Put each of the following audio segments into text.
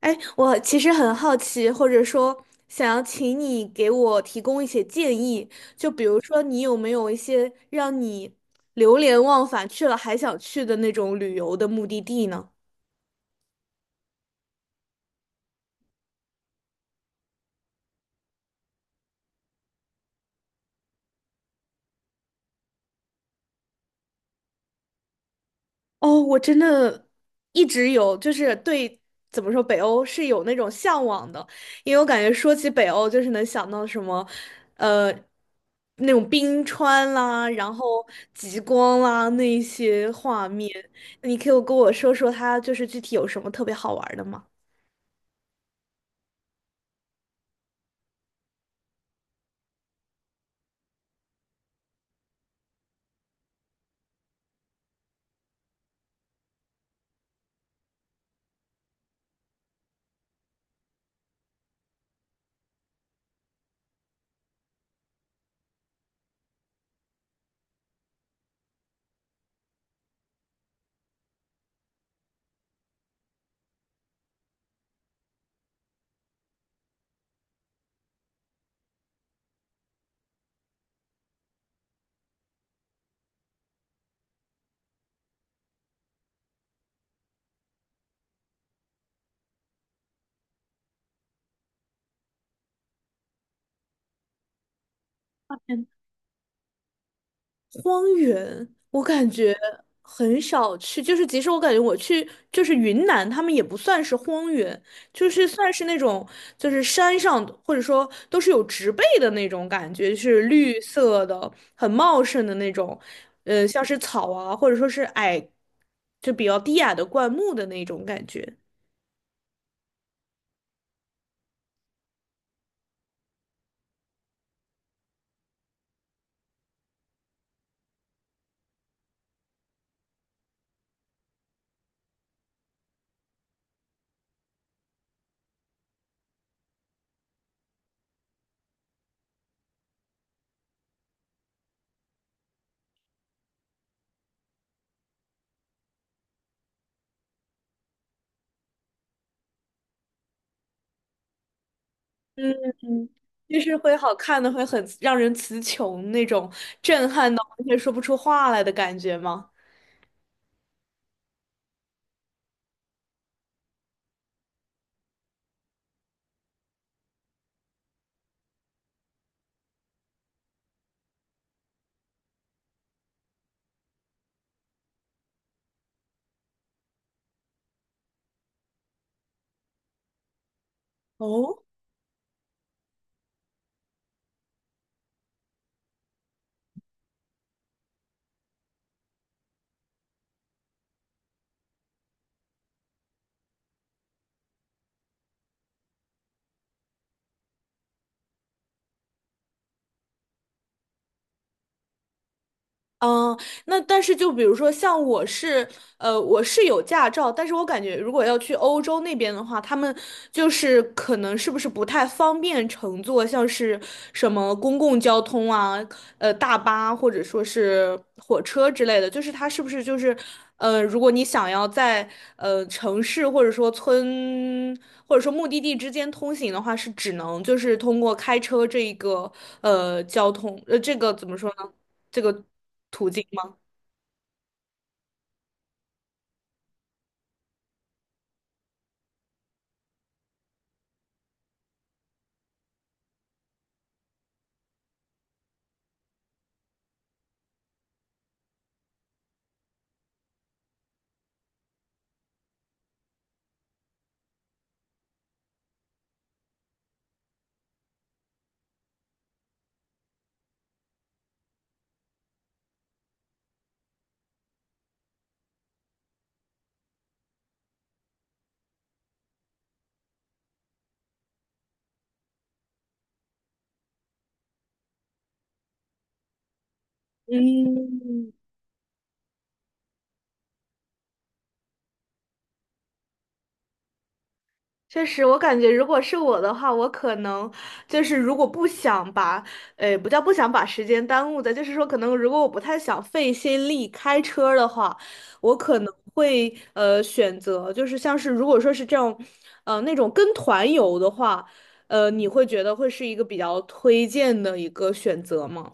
哎，我其实很好奇，或者说想要请你给我提供一些建议，就比如说你有没有一些让你流连忘返去了还想去的那种旅游的目的地呢？哦，我真的一直有，就是对，怎么说，北欧是有那种向往的，因为我感觉说起北欧，就是能想到什么，呃，那种冰川啦，然后极光啦，那一些画面。你可以跟我说说它就是具体有什么特别好玩儿的吗？荒原，我感觉很少去，就是即使我感觉我去，就是云南，他们也不算是荒原，就是算是那种就是山上的或者说都是有植被的那种感觉，是绿色的，很茂盛的那种，像是草啊，或者说是矮，就比较低矮的灌木的那种感觉。嗯，就是会好看的，会很让人词穷那种震撼到完全说不出话来的感觉吗？哦，嗯，那但是就比如说像我是有驾照，但是我感觉如果要去欧洲那边的话，他们就是可能是不是不太方便乘坐，像是什么公共交通啊，大巴或者说是火车之类的，就是它是不是就是，如果你想要在城市或者说村或者说目的地之间通行的话，是只能就是通过开车这一个交通这个怎么说呢？这个途径吗？嗯，确实，我感觉如果是我的话，我可能就是如果不想把，不叫不想把时间耽误的，就是说可能如果我不太想费心力开车的话，我可能会选择就是像是如果说是这种，那种跟团游的话，你会觉得会是一个比较推荐的一个选择吗？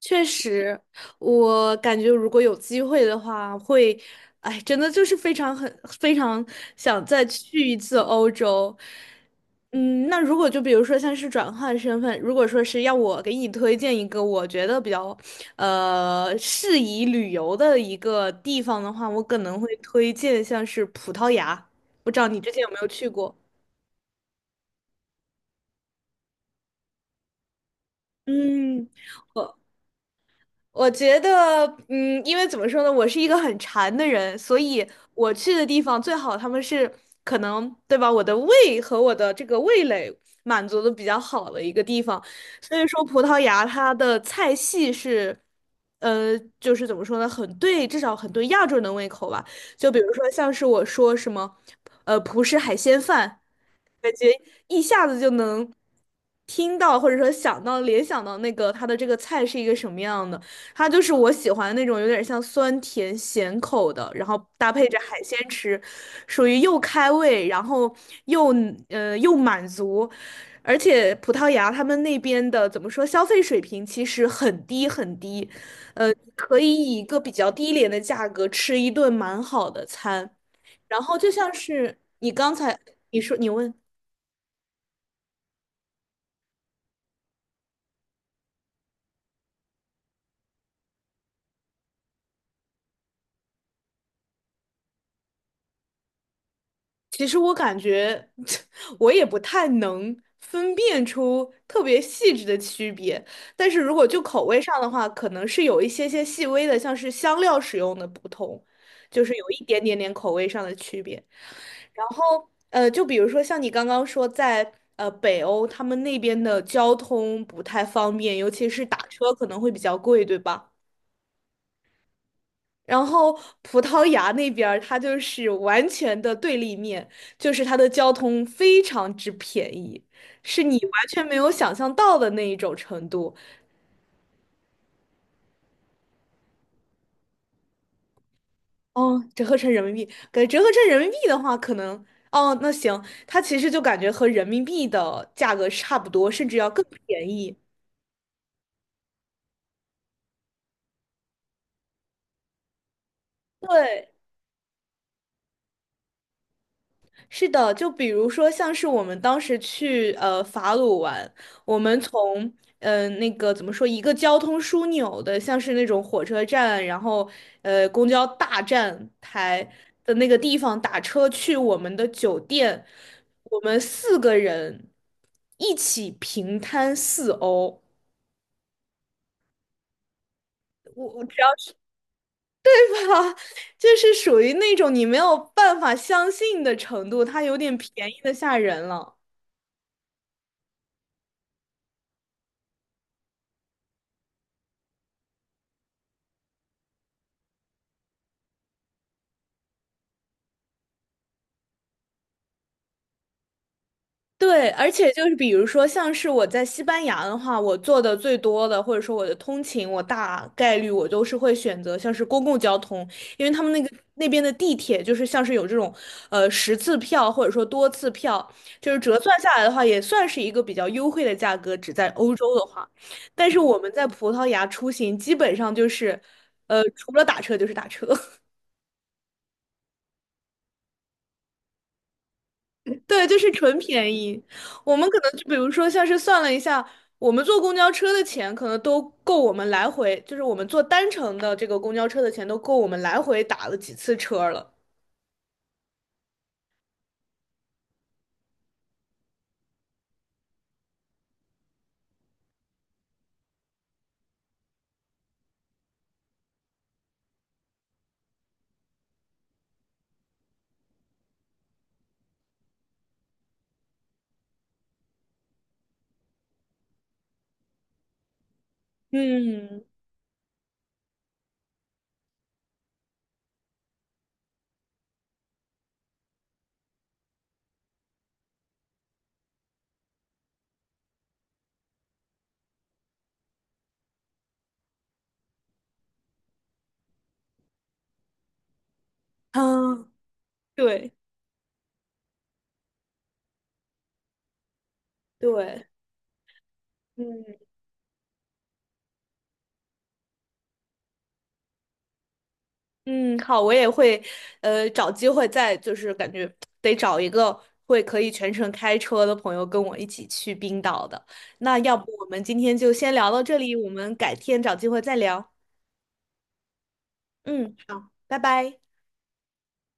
确实，我感觉如果有机会的话，会，哎，真的就是非常很非常想再去一次欧洲。嗯，那如果就比如说像是转换身份，如果说是要我给你推荐一个我觉得比较适宜旅游的一个地方的话，我可能会推荐像是葡萄牙。不知道你之前有没有去过？嗯。我。我觉得，因为怎么说呢，我是一个很馋的人，所以我去的地方最好他们是可能，对吧？我的胃和我的这个味蕾满足的比较好的一个地方，所以说葡萄牙它的菜系是，就是怎么说呢，很对，至少很对亚洲人的胃口吧。就比如说像是我说什么，葡式海鲜饭。感觉一下子就能听到，或者说想到、联想到那个它的这个菜是一个什么样的。它就是我喜欢那种有点像酸甜咸口的，然后搭配着海鲜吃，属于又开胃，然后又又满足，而且葡萄牙他们那边的怎么说，消费水平其实很低很低，可以以一个比较低廉的价格吃一顿蛮好的餐，然后就像是你刚才你说你问。其实我感觉 我也不太能分辨出特别细致的区别，但是如果就口味上的话，可能是有一些些细微的，像是香料使用的不同，就是有一点点点口味上的区别。然后就比如说像你刚刚说在，北欧他们那边的交通不太方便，尤其是打车可能会比较贵，对吧？然后葡萄牙那边儿它就是完全的对立面，就是它的交通非常之便宜，是你完全没有想象到的那一种程度。哦，折合成人民币，给折合成人民币的话，可能哦，那行，它其实就感觉和人民币的价格差不多，甚至要更便宜。对，是的，就比如说像是我们当时去法鲁玩，我们从那个怎么说一个交通枢纽的，像是那种火车站，然后公交大站台的那个地方打车去我们的酒店，我们四个人一起平摊四欧。我只要是它，就是属于那种你没有办法相信的程度，它有点便宜的吓人了。对，而且就是比如说，像是我在西班牙的话，我做的最多的，或者说我的通勤，我大概率我都是会选择像是公共交通，因为他们那个那边的地铁就是像是有这种10次票或者说多次票，就是折算下来的话，也算是一个比较优惠的价格，只在欧洲的话。但是我们在葡萄牙出行，基本上就是除了打车就是打车。对，就是纯便宜。我们可能就比如说，像是算了一下，我们坐公交车的钱可能都够我们来回，就是我们坐单程的这个公交车的钱都够我们来回打了几次车了。嗯，啊，对对，嗯嗯，好，我也会，找机会再就是感觉得找一个会可以全程开车的朋友跟我一起去冰岛的。那要不我们今天就先聊到这里，我们改天找机会再聊。嗯，好，拜拜。